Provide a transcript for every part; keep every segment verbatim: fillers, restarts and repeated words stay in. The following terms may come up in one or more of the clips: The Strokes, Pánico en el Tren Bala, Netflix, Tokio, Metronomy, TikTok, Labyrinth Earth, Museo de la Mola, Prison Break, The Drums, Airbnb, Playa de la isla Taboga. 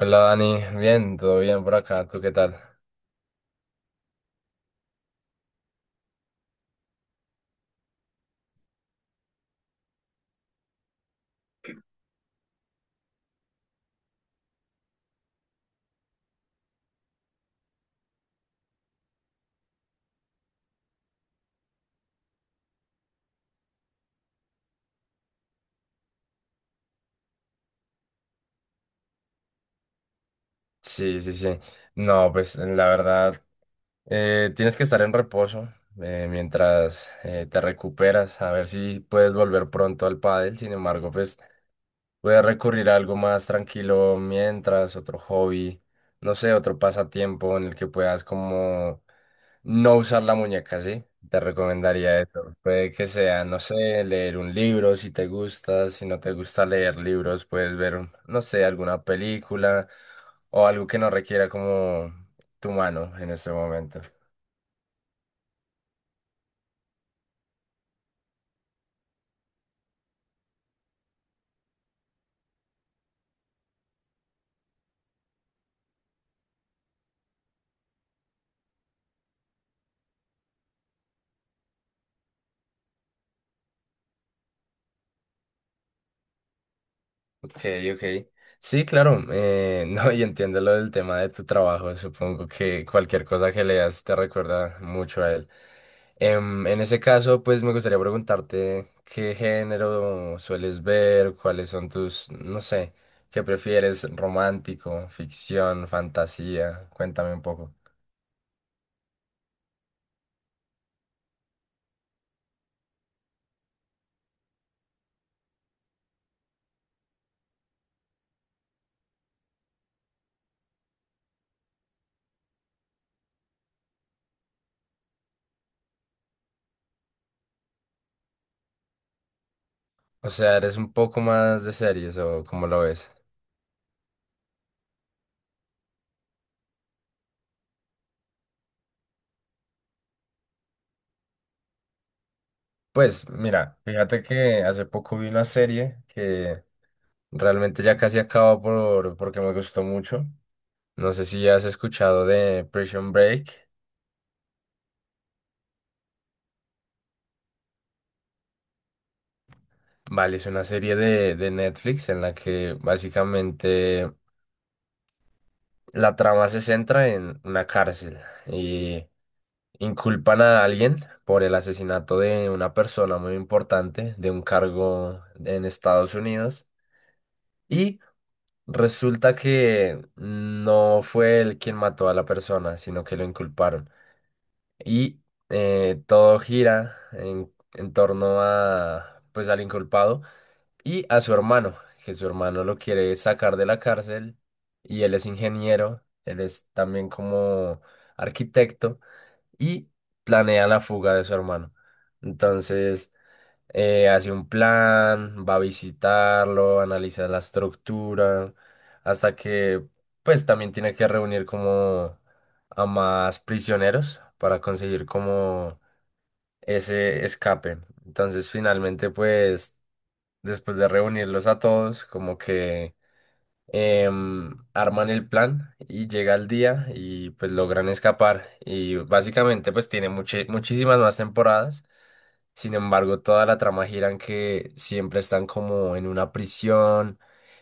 Hola Dani, bien, todo bien por acá, ¿tú qué tal? Sí, sí, sí. No, pues la verdad, eh, tienes que estar en reposo eh, mientras eh, te recuperas, a ver si puedes volver pronto al pádel. Sin embargo, pues voy a recurrir a algo más tranquilo mientras, otro hobby, no sé, otro pasatiempo en el que puedas como no usar la muñeca, ¿sí? Te recomendaría eso. Puede que sea, no sé, leer un libro si te gusta, si no te gusta leer libros, puedes ver, un- no sé, alguna película o algo que no requiera como tu mano en este momento. Ok, ok. Sí, claro. Eh, no, y entiendo lo del tema de tu trabajo. Supongo que cualquier cosa que leas te recuerda mucho a él. Em, en ese caso, pues me gustaría preguntarte qué género sueles ver, cuáles son tus, no sé, qué prefieres, romántico, ficción, fantasía. Cuéntame un poco. O sea, ¿eres un poco más de series o cómo lo ves? Pues mira, fíjate que hace poco vi una serie que... realmente ya casi acabo por, porque me gustó mucho. No sé si has escuchado de Prison Break. Vale, es una serie de, de Netflix en la que básicamente la trama se centra en una cárcel y inculpan a alguien por el asesinato de una persona muy importante de un cargo en Estados Unidos y resulta que no fue él quien mató a la persona, sino que lo inculparon. Y eh, todo gira en, en torno a, pues, al inculpado y a su hermano, que su hermano lo quiere sacar de la cárcel, y él es ingeniero, él es también como arquitecto y planea la fuga de su hermano. Entonces, eh, hace un plan, va a visitarlo, analiza la estructura, hasta que pues también tiene que reunir como a más prisioneros para conseguir como ese escape. Entonces finalmente pues después de reunirlos a todos como que em, arman el plan y llega el día y pues logran escapar y básicamente pues tiene muchi- muchísimas más temporadas. Sin embargo, toda la trama gira en que siempre están como en una prisión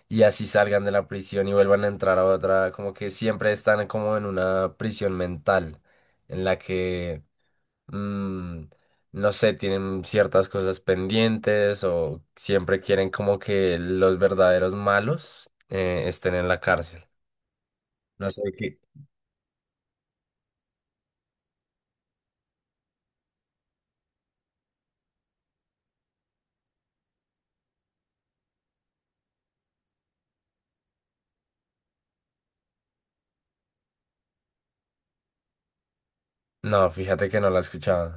y así salgan de la prisión y vuelvan a entrar a otra, como que siempre están como en una prisión mental en la que, mm, no sé, tienen ciertas cosas pendientes o siempre quieren como que los verdaderos malos eh, estén en la cárcel. No sé qué. No, fíjate que no la he escuchado.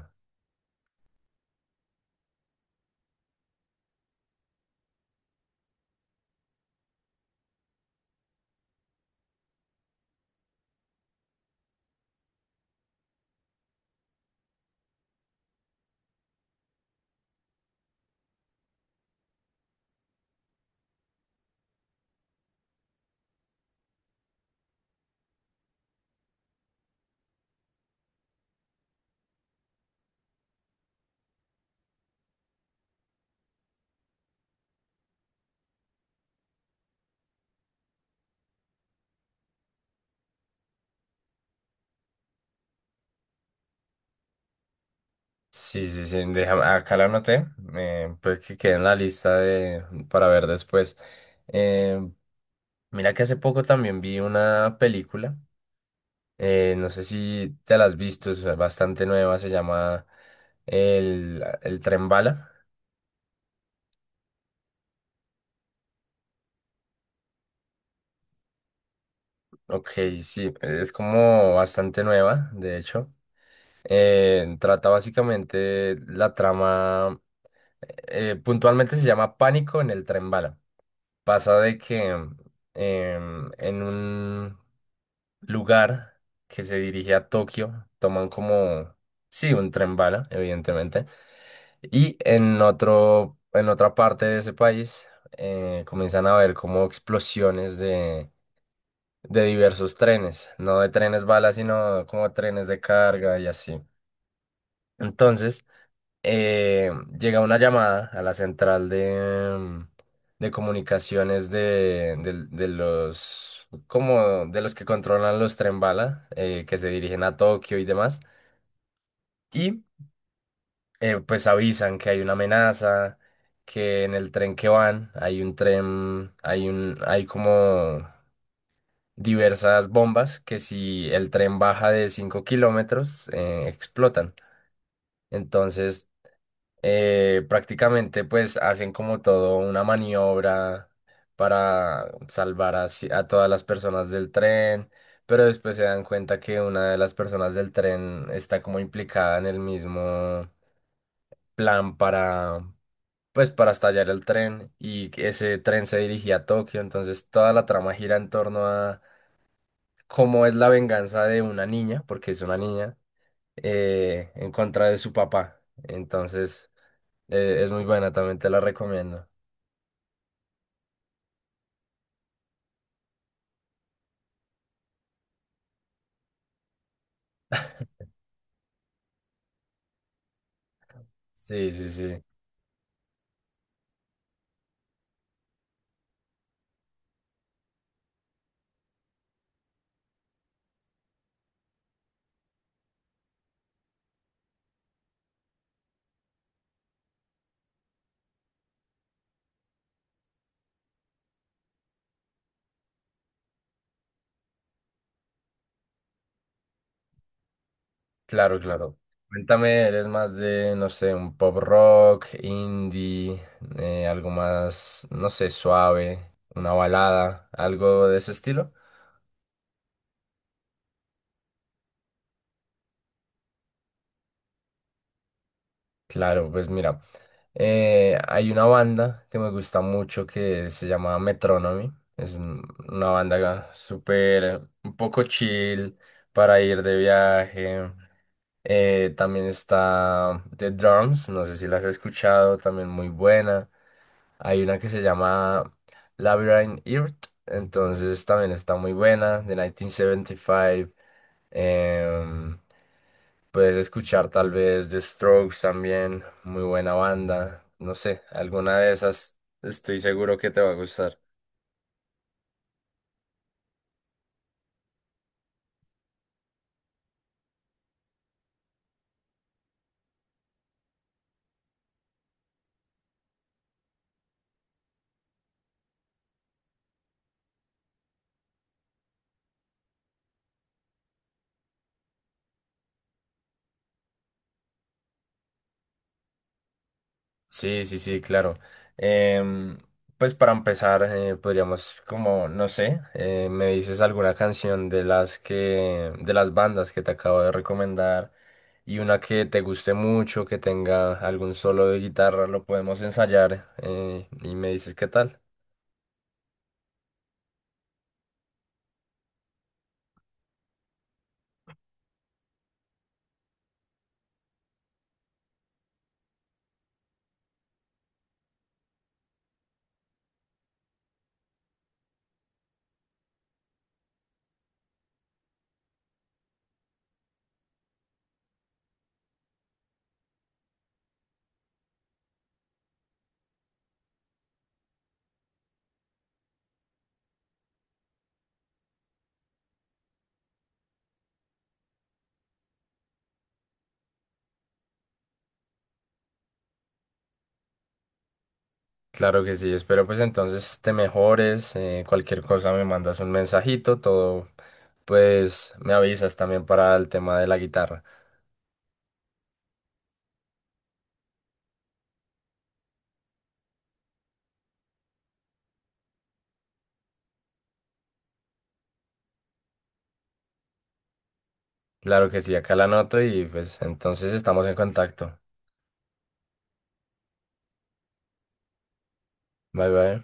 Sí, sí, sí, déjame, acá la anoté, eh, pues que quede en la lista de, para ver después. Eh, mira que hace poco también vi una película, eh, no sé si te la has visto, es bastante nueva, se llama El, el Tren Bala. Ok, sí, es como bastante nueva, de hecho. Eh, trata básicamente la trama, eh, puntualmente se llama Pánico en el Tren Bala. Pasa de que em, em, en un lugar que se dirige a Tokio toman como, sí, un tren bala, evidentemente, y en otro, en otra parte de ese país eh, comienzan a ver como explosiones de, de diversos trenes, no de trenes bala, sino como trenes de carga y así. Entonces, eh, llega una llamada a la central de, de comunicaciones de, del- de los como de los que controlan los tren bala eh, que se dirigen a Tokio y demás, y eh, pues avisan que hay una amenaza, que en el tren que van hay un tren hay un hay como diversas bombas que si el tren baja de cinco kilómetros eh, explotan. Entonces eh, prácticamente pues hacen como todo una maniobra para salvar a, ci- a todas las personas del tren, pero después se dan cuenta que una de las personas del tren está como implicada en el mismo plan para pues para estallar el tren y que ese tren se dirigía a Tokio, entonces toda la trama gira en torno a cómo es la venganza de una niña, porque es una niña, eh, en contra de su papá. Entonces... eh, es muy buena, también te la recomiendo. Sí, sí, sí. Claro, claro. Cuéntame, ¿eres más de, no sé, un pop rock, indie, eh, algo más, no sé, suave, una balada, algo de ese estilo? Claro, pues mira, eh, hay una banda que me gusta mucho que se llama Metronomy. Es un- una banda súper, un poco chill para ir de viaje. Eh, también está The Drums, no sé si la has escuchado, también muy buena. Hay una que se llama Labyrinth Earth, entonces también está muy buena, de mil novecientos setenta y cinco. Em, Puedes escuchar tal vez The Strokes también, muy buena banda. No sé, alguna de esas estoy seguro que te va a gustar. Sí, sí, sí, claro. Em, pues para empezar, eh, podríamos como, no sé, eh, me dices alguna canción de las que, de las bandas que te acabo de recomendar y una que te guste mucho, que tenga algún solo de guitarra, lo podemos ensayar, eh, y me dices qué tal. Claro que sí, espero pues entonces te mejores, eh, cualquier cosa me mandas un mensajito, todo, pues me avisas también para el tema de la guitarra. Claro que sí, acá la anoto y pues entonces estamos en contacto. Bye bye.